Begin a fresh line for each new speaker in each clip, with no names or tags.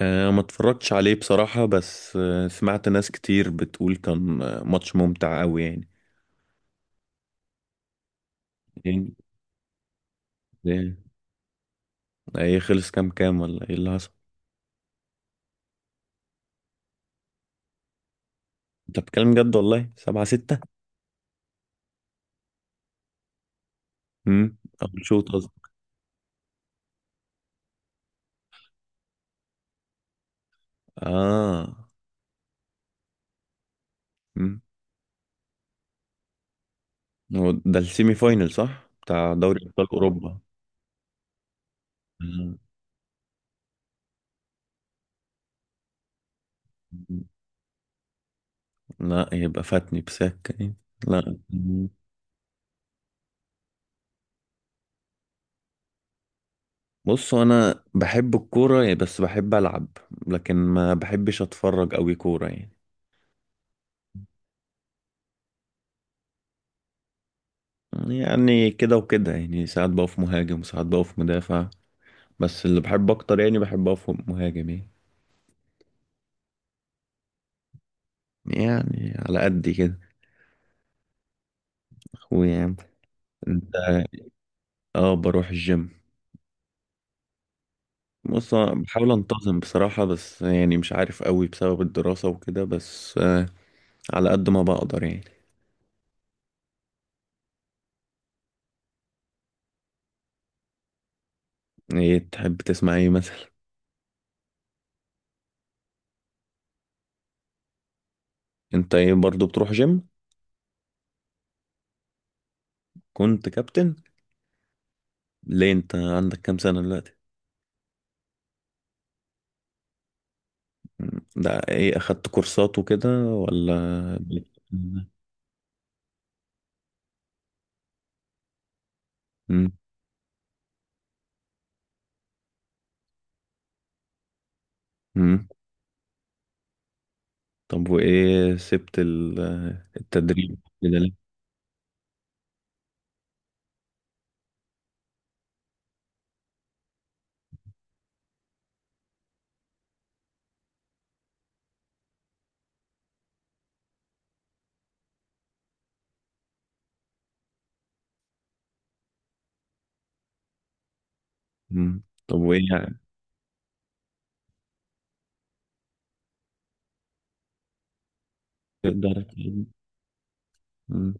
ما اتفرجتش عليه بصراحة بس سمعت ناس كتير بتقول كان ماتش ممتع قوي يعني. يعني ايه؟ إيه خلص؟ كام ولا ايه اللي حصل؟ انت بتتكلم جد والله؟ 7-6؟ امم اول شوط قصدي. اه. امم هو ده السيمي فاينل صح؟ بتاع دوري ابطال اوروبا. مم. لا، يبقى فاتني بسكة يعني. لا. مم. بص انا بحب الكورة يعني بس بحب العب. لكن ما بحبش اتفرج قوي كورة يعني. يعني كده وكده، يعني ساعات بقف مهاجم وساعات بقف مدافع. بس اللي بحب اكتر يعني بحب اقف مهاجم يعني. يعني على قد كده. اخويا يعني. انت؟ اه، بروح الجيم. بص، أنا بحاول انتظم بصراحة بس يعني مش عارف قوي بسبب الدراسة وكده بس على قد ما بقدر يعني. ايه تحب تسمع ايه مثلا؟ انت ايه برضو بتروح جيم؟ كنت كابتن؟ ليه؟ انت عندك كام سنة دلوقتي؟ مم. ده ايه، اخدت كورسات وكده ولا؟ مم. مم. طب وإيه سبت التدريب كده ليه؟ مم. طب وإيه يعني. تقدر. مم.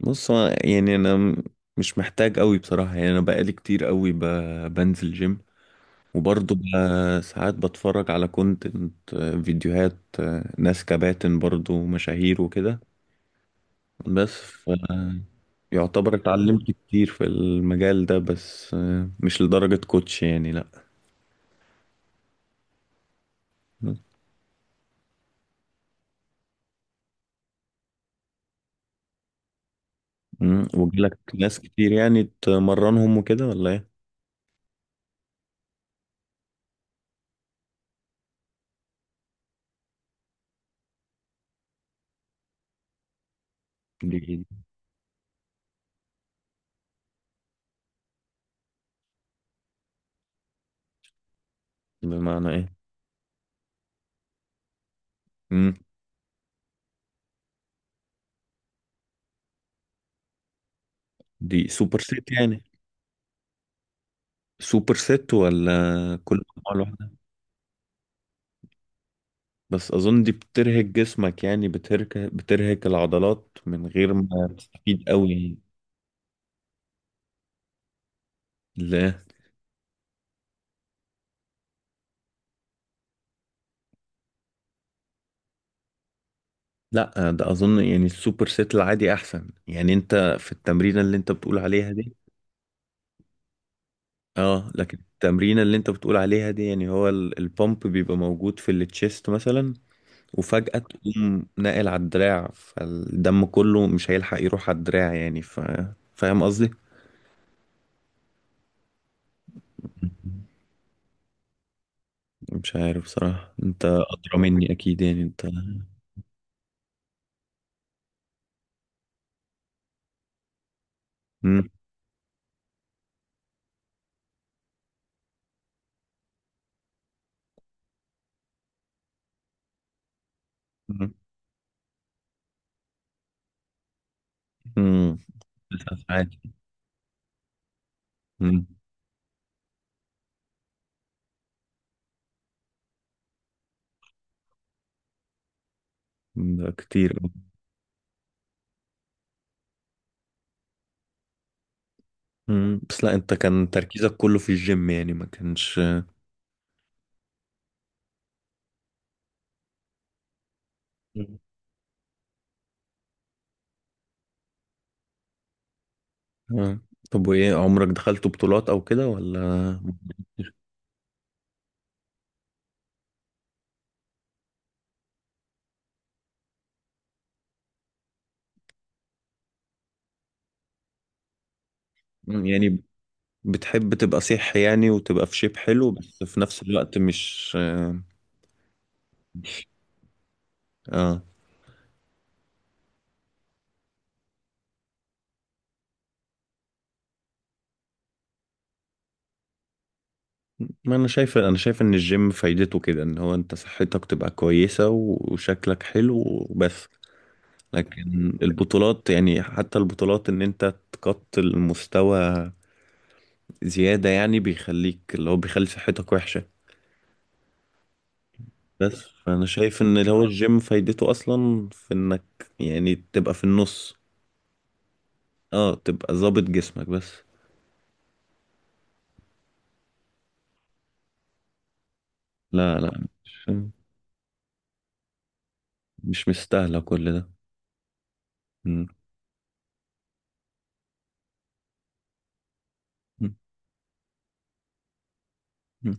بص هو يعني مش محتاج أوي بصراحة يعني أنا بقالي كتير أوي بنزل جيم. وبرضه ساعات بتفرج على كونتنت، فيديوهات ناس كباتن برضه مشاهير وكده. بس يعتبر اتعلمت كتير في المجال ده بس مش لدرجة كوتش يعني لأ. مم. وجالك ناس كتير يعني تمرنهم وكده ولا ايه؟ دي. بمعنى ايه؟ مم. دي سوبر سيت يعني؟ سوبر سيت ولا... كل عضلة واحدة. بس أظن دي بترهق جسمك، يعني بترهق العضلات من غير ما تستفيد قوي يعني. لا، لا، ده أظن يعني السوبر سيت العادي أحسن، يعني أنت في التمرينة اللي أنت بتقول عليها دي. اه، لكن التمرينة اللي أنت بتقول عليها دي يعني هو البامب بيبقى موجود في التشيست مثلا. وفجأة تقوم ناقل على الدراع، فالدم كله مش هيلحق يروح على الدراع يعني فاهم قصدي؟ مش عارف بصراحة، انت أدرى مني أكيد يعني انت. مم. مم. مم. 9 ساعات. مم. ده كتير. مم. بس لا، انت كان تركيزك كله في الجيم يعني، ما كانش. مم. آه. طب وايه عمرك دخلت بطولات أو كده ولا؟ مم. يعني بتحب تبقى صح، يعني وتبقى في شيب حلو بس في نفس الوقت مش... اه، ما انا شايف، انا شايف ان الجيم فايدته كده، ان هو انت صحتك تبقى كويسة وشكلك حلو وبس. لكن البطولات يعني حتى البطولات ان انت تقط المستوى زيادة، يعني بيخليك، اللي هو بيخلي صحتك وحشة. بس فانا شايف ان اللي هو الجيم فايدته اصلا في انك يعني تبقى في النص. اه، تبقى ظابط جسمك بس. لا، لا، مش مستاهلة كل ده. م. م.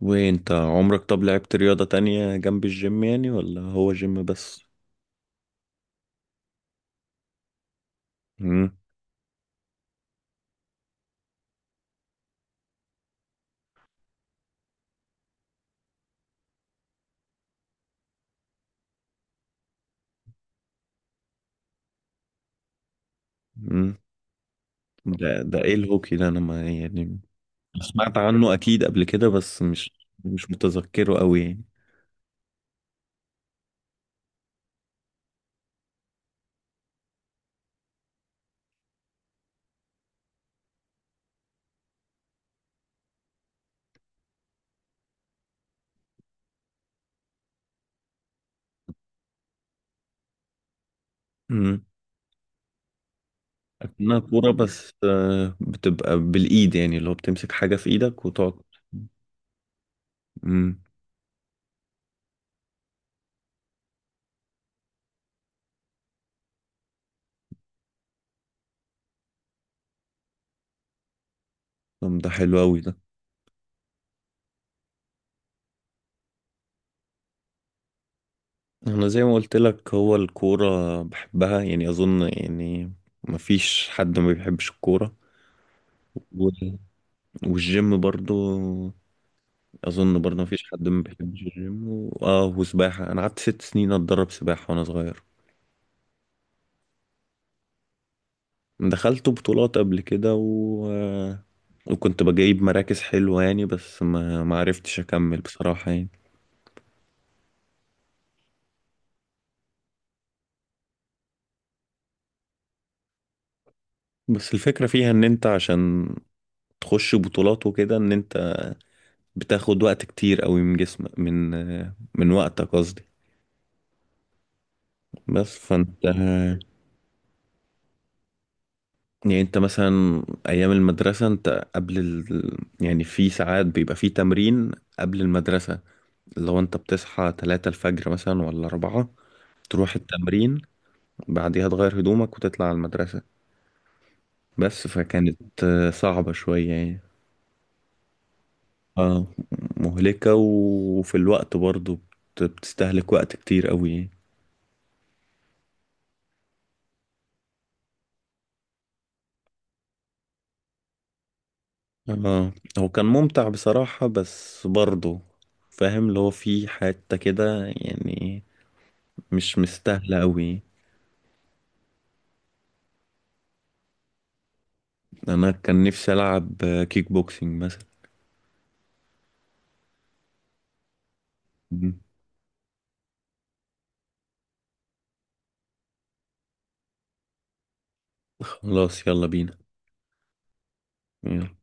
وانت عمرك طب لعبت رياضة تانية جنب الجيم يعني، ولا هو جيم بس؟ مم. مم. ده ايه الهوكي ده، انا ما يعني سمعت عنه اكيد قبل كده بس مش متذكره قوي يعني. مم. اكنها كورة بس بتبقى بالايد، يعني اللي هو بتمسك حاجة في ايدك وتقعد. مم. طب ده حلو قوي ده. انا زي ما قلت لك هو الكورة بحبها يعني، اظن يعني مفيش حد ما بيحبش الكورة. و- والجيم برضو اظن برضه مفيش حد ما بيحبش الجيم اه، وسباحه انا قعدت 6 سنين اتدرب سباحه وانا صغير. دخلت بطولات قبل كده و... آه، وكنت بجيب مراكز حلوه يعني بس ما عرفتش اكمل بصراحه يعني. بس الفكره فيها ان انت عشان تخش بطولات وكده، ان انت بتاخد وقت كتير قوي من جسمك، من وقتك قصدي. بس فانت يعني انت مثلا ايام المدرسه، انت يعني في ساعات بيبقى في تمرين قبل المدرسه. لو انت بتصحى 3 الفجر مثلا ولا 4 تروح التمرين. بعديها تغير هدومك وتطلع على المدرسة بس فكانت صعبة شوية يعني. اه، مهلكة وفي الوقت برضو بتستهلك وقت كتير قوي يعني. اه، هو كان ممتع بصراحة بس برضو فاهم اللي هو في حتة كده يعني مش مستاهلة قوي. انا كان نفسي العب كيك بوكسينج مثلا. مم. خلاص، يلا بينا. يلا.